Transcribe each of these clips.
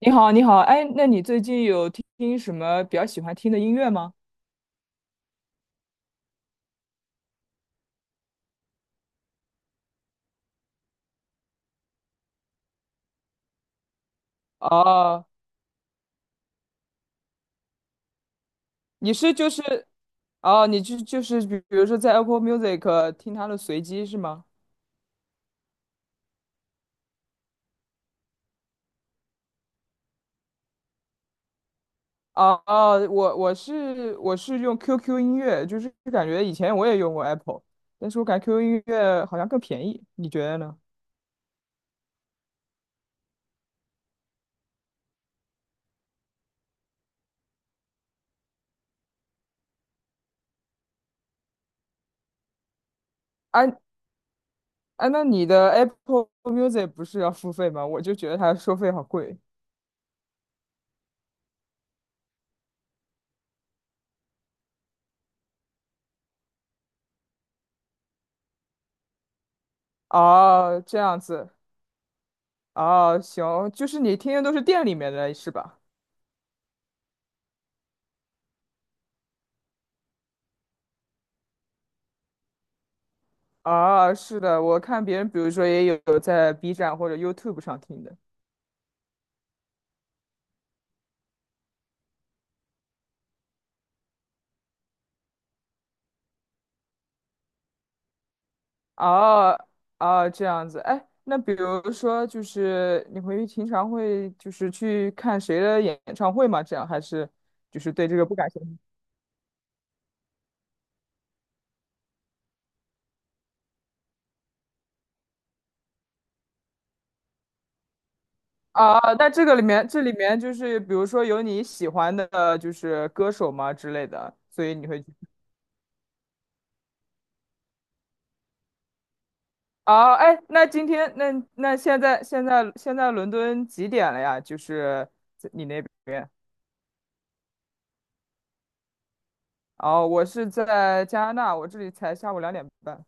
你好，你好，哎，那你最近有听什么比较喜欢听的音乐吗？哦，你是就是，哦，你就是比如说在 Apple Music 听它的随机是吗？哦哦，我是用 QQ 音乐，就是感觉以前我也用过 Apple，但是我感觉 QQ 音乐好像更便宜，你觉得呢？哎哎，那你的 Apple Music 不是要付费吗？我就觉得它收费好贵。哦，这样子，哦，行，就是你听的都是店里面的是吧？啊，是的，我看别人，比如说也有在 B 站或者 YouTube 上听的。哦哦，这样子。哎，那比如说，就是你会平常会就是去看谁的演唱会吗？这样还是就是对这个不感兴趣？啊，那这个里面这里面就是比如说有你喜欢的就是歌手吗之类的，所以你会去。哦，哎，那今天那现在伦敦几点了呀？就是你那边。哦，我是在加拿大，我这里才下午两点半。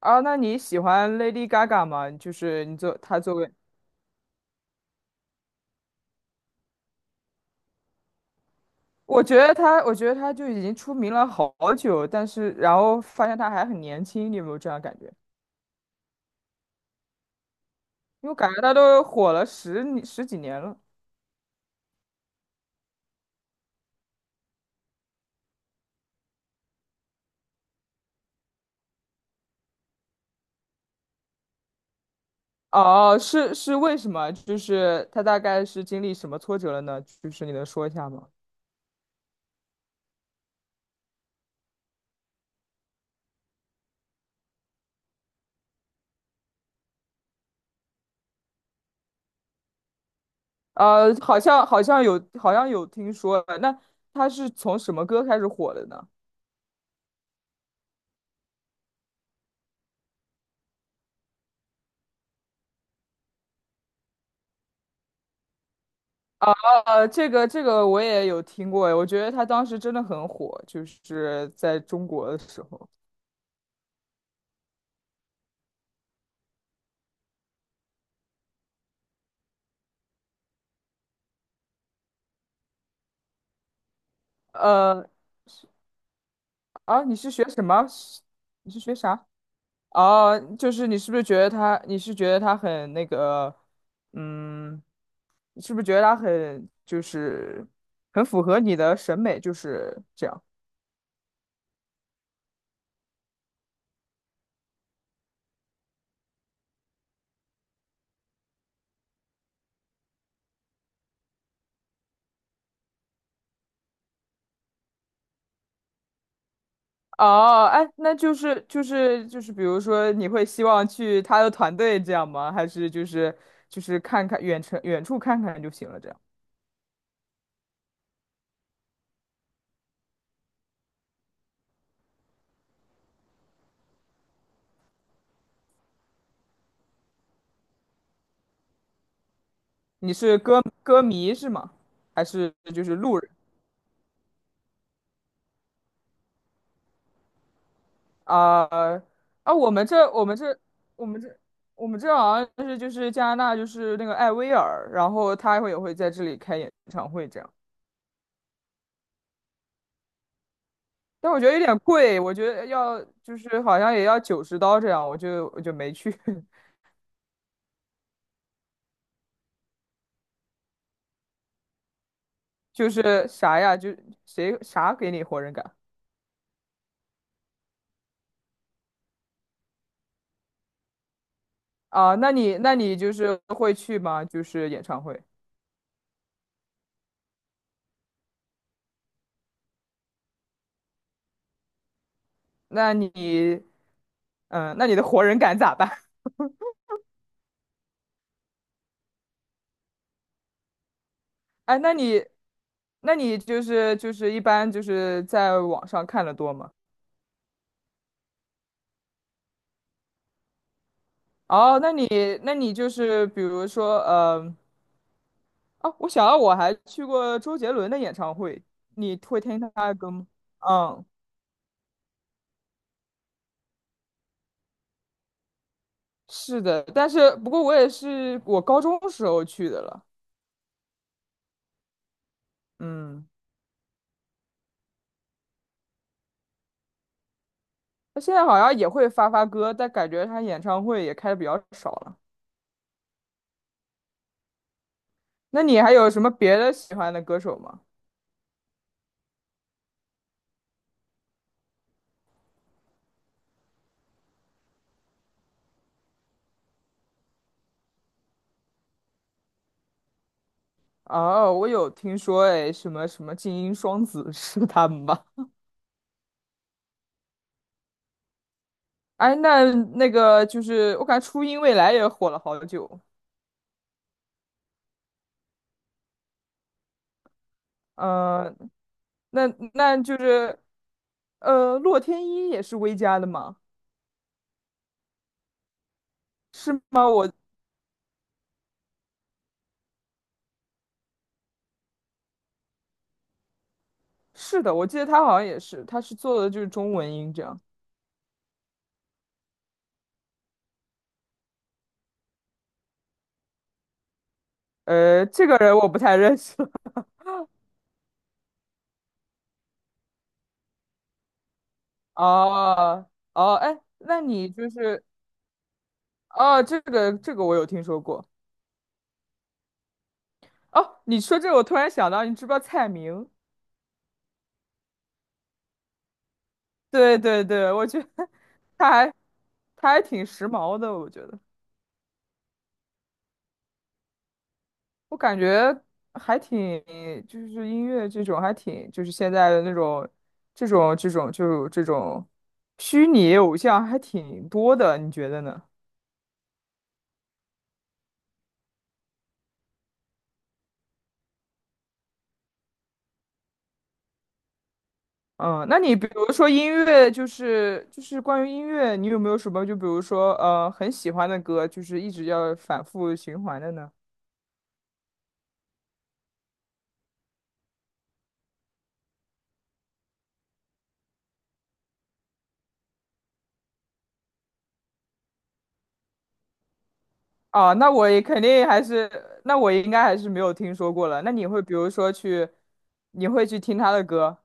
啊，那你喜欢 Lady Gaga 吗？就是你作她作为，我觉得她，我觉得她就已经出名了好久，但是然后发现她还很年轻，你有没有这样感觉？因为我感觉她都火了十年十几年了。哦，是为什么？就是她大概是经历什么挫折了呢？就是你能说一下吗？呃，好像好像有好像有听说，那她是从什么歌开始火的呢？啊，这个我也有听过，我觉得他当时真的很火，就是在中国的时候。呃，啊，你是学什么？是你是学啥？哦、就是你是不是觉得他？你是觉得他很那个？嗯，你是不是觉得他很就是很符合你的审美？就是这样。哦，哎，那就是，比如说，你会希望去他的团队这样吗？还是就是看看远程远处看看就行了这样？你是歌迷是吗？还是就是路人啊？啊，我们这我们这好像是就是加拿大就是那个艾薇儿，然后他会也会在这里开演唱会这样，但我觉得有点贵，我觉得要就是好像也要九十刀这样，我就没去，就是啥呀，就谁啥给你活人感啊？那你就是会去吗？就是演唱会，那你嗯，那你的活人感咋办？哎，那你，那你就是一般就是在网上看的多吗？哦，那你就是比如说，啊，我想到我还去过周杰伦的演唱会，你会听他的歌吗？嗯，是的，但是不过我也是我高中时候去的了，嗯，他现在好像也会发歌，但感觉他演唱会也开的比较少了。那你还有什么别的喜欢的歌手吗？哦，我有听说，哎，什么什么精英双子 是他们吧？哎，那那个就是，我感觉初音未来也火了好久。呃，那那就是，呃，洛天依也是薇家的吗？是吗？我是的，我记得他好像也是，他是做的就是中文音这样。呃，这个人我不太认识。哦哦，哎，那你就是哦，这个我有听说过。哦，你说这个，我突然想到，你知不知道蔡明？对对对，我觉得他还他还挺时髦的，我觉得我感觉还挺就是音乐这种还挺就是现在的那种这种虚拟偶像还挺多的，你觉得呢？嗯，那你比如说音乐，就是关于音乐，你有没有什么就比如说很喜欢的歌，就是一直要反复循环的呢？哦，那我也肯定还是，那我应该还是没有听说过了。那你会比如说去，你会去听他的歌？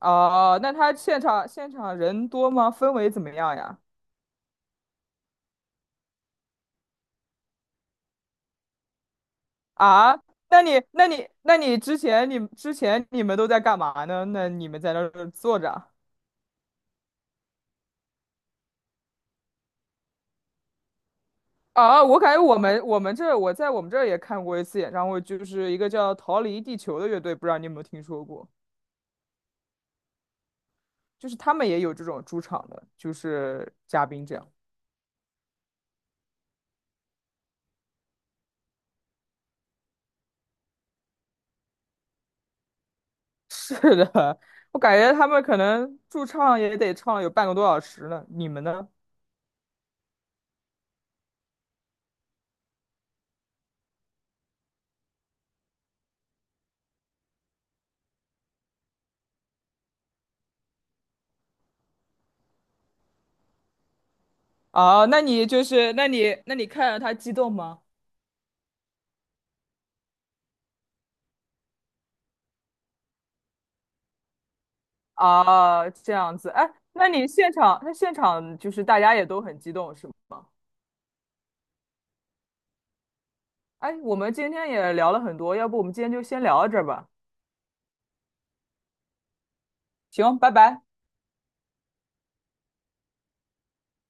哦，那他现场人多吗？氛围怎么样呀？啊，那你之前你们都在干嘛呢？那你们在那儿坐着啊？啊，我感觉我们这儿也看过一次演唱会，就是一个叫《逃离地球》的乐队，不知道你有没有听说过？就是他们也有这种驻场的，就是嘉宾这样。是的，我感觉他们可能驻唱也得唱了有半个多小时了。你们呢？啊，那你就是，那你看着他激动吗？啊，这样子，哎，那你现场，那现场就是大家也都很激动，是吗？哎，我们今天也聊了很多，要不我们今天就先聊到这儿吧？行，拜拜。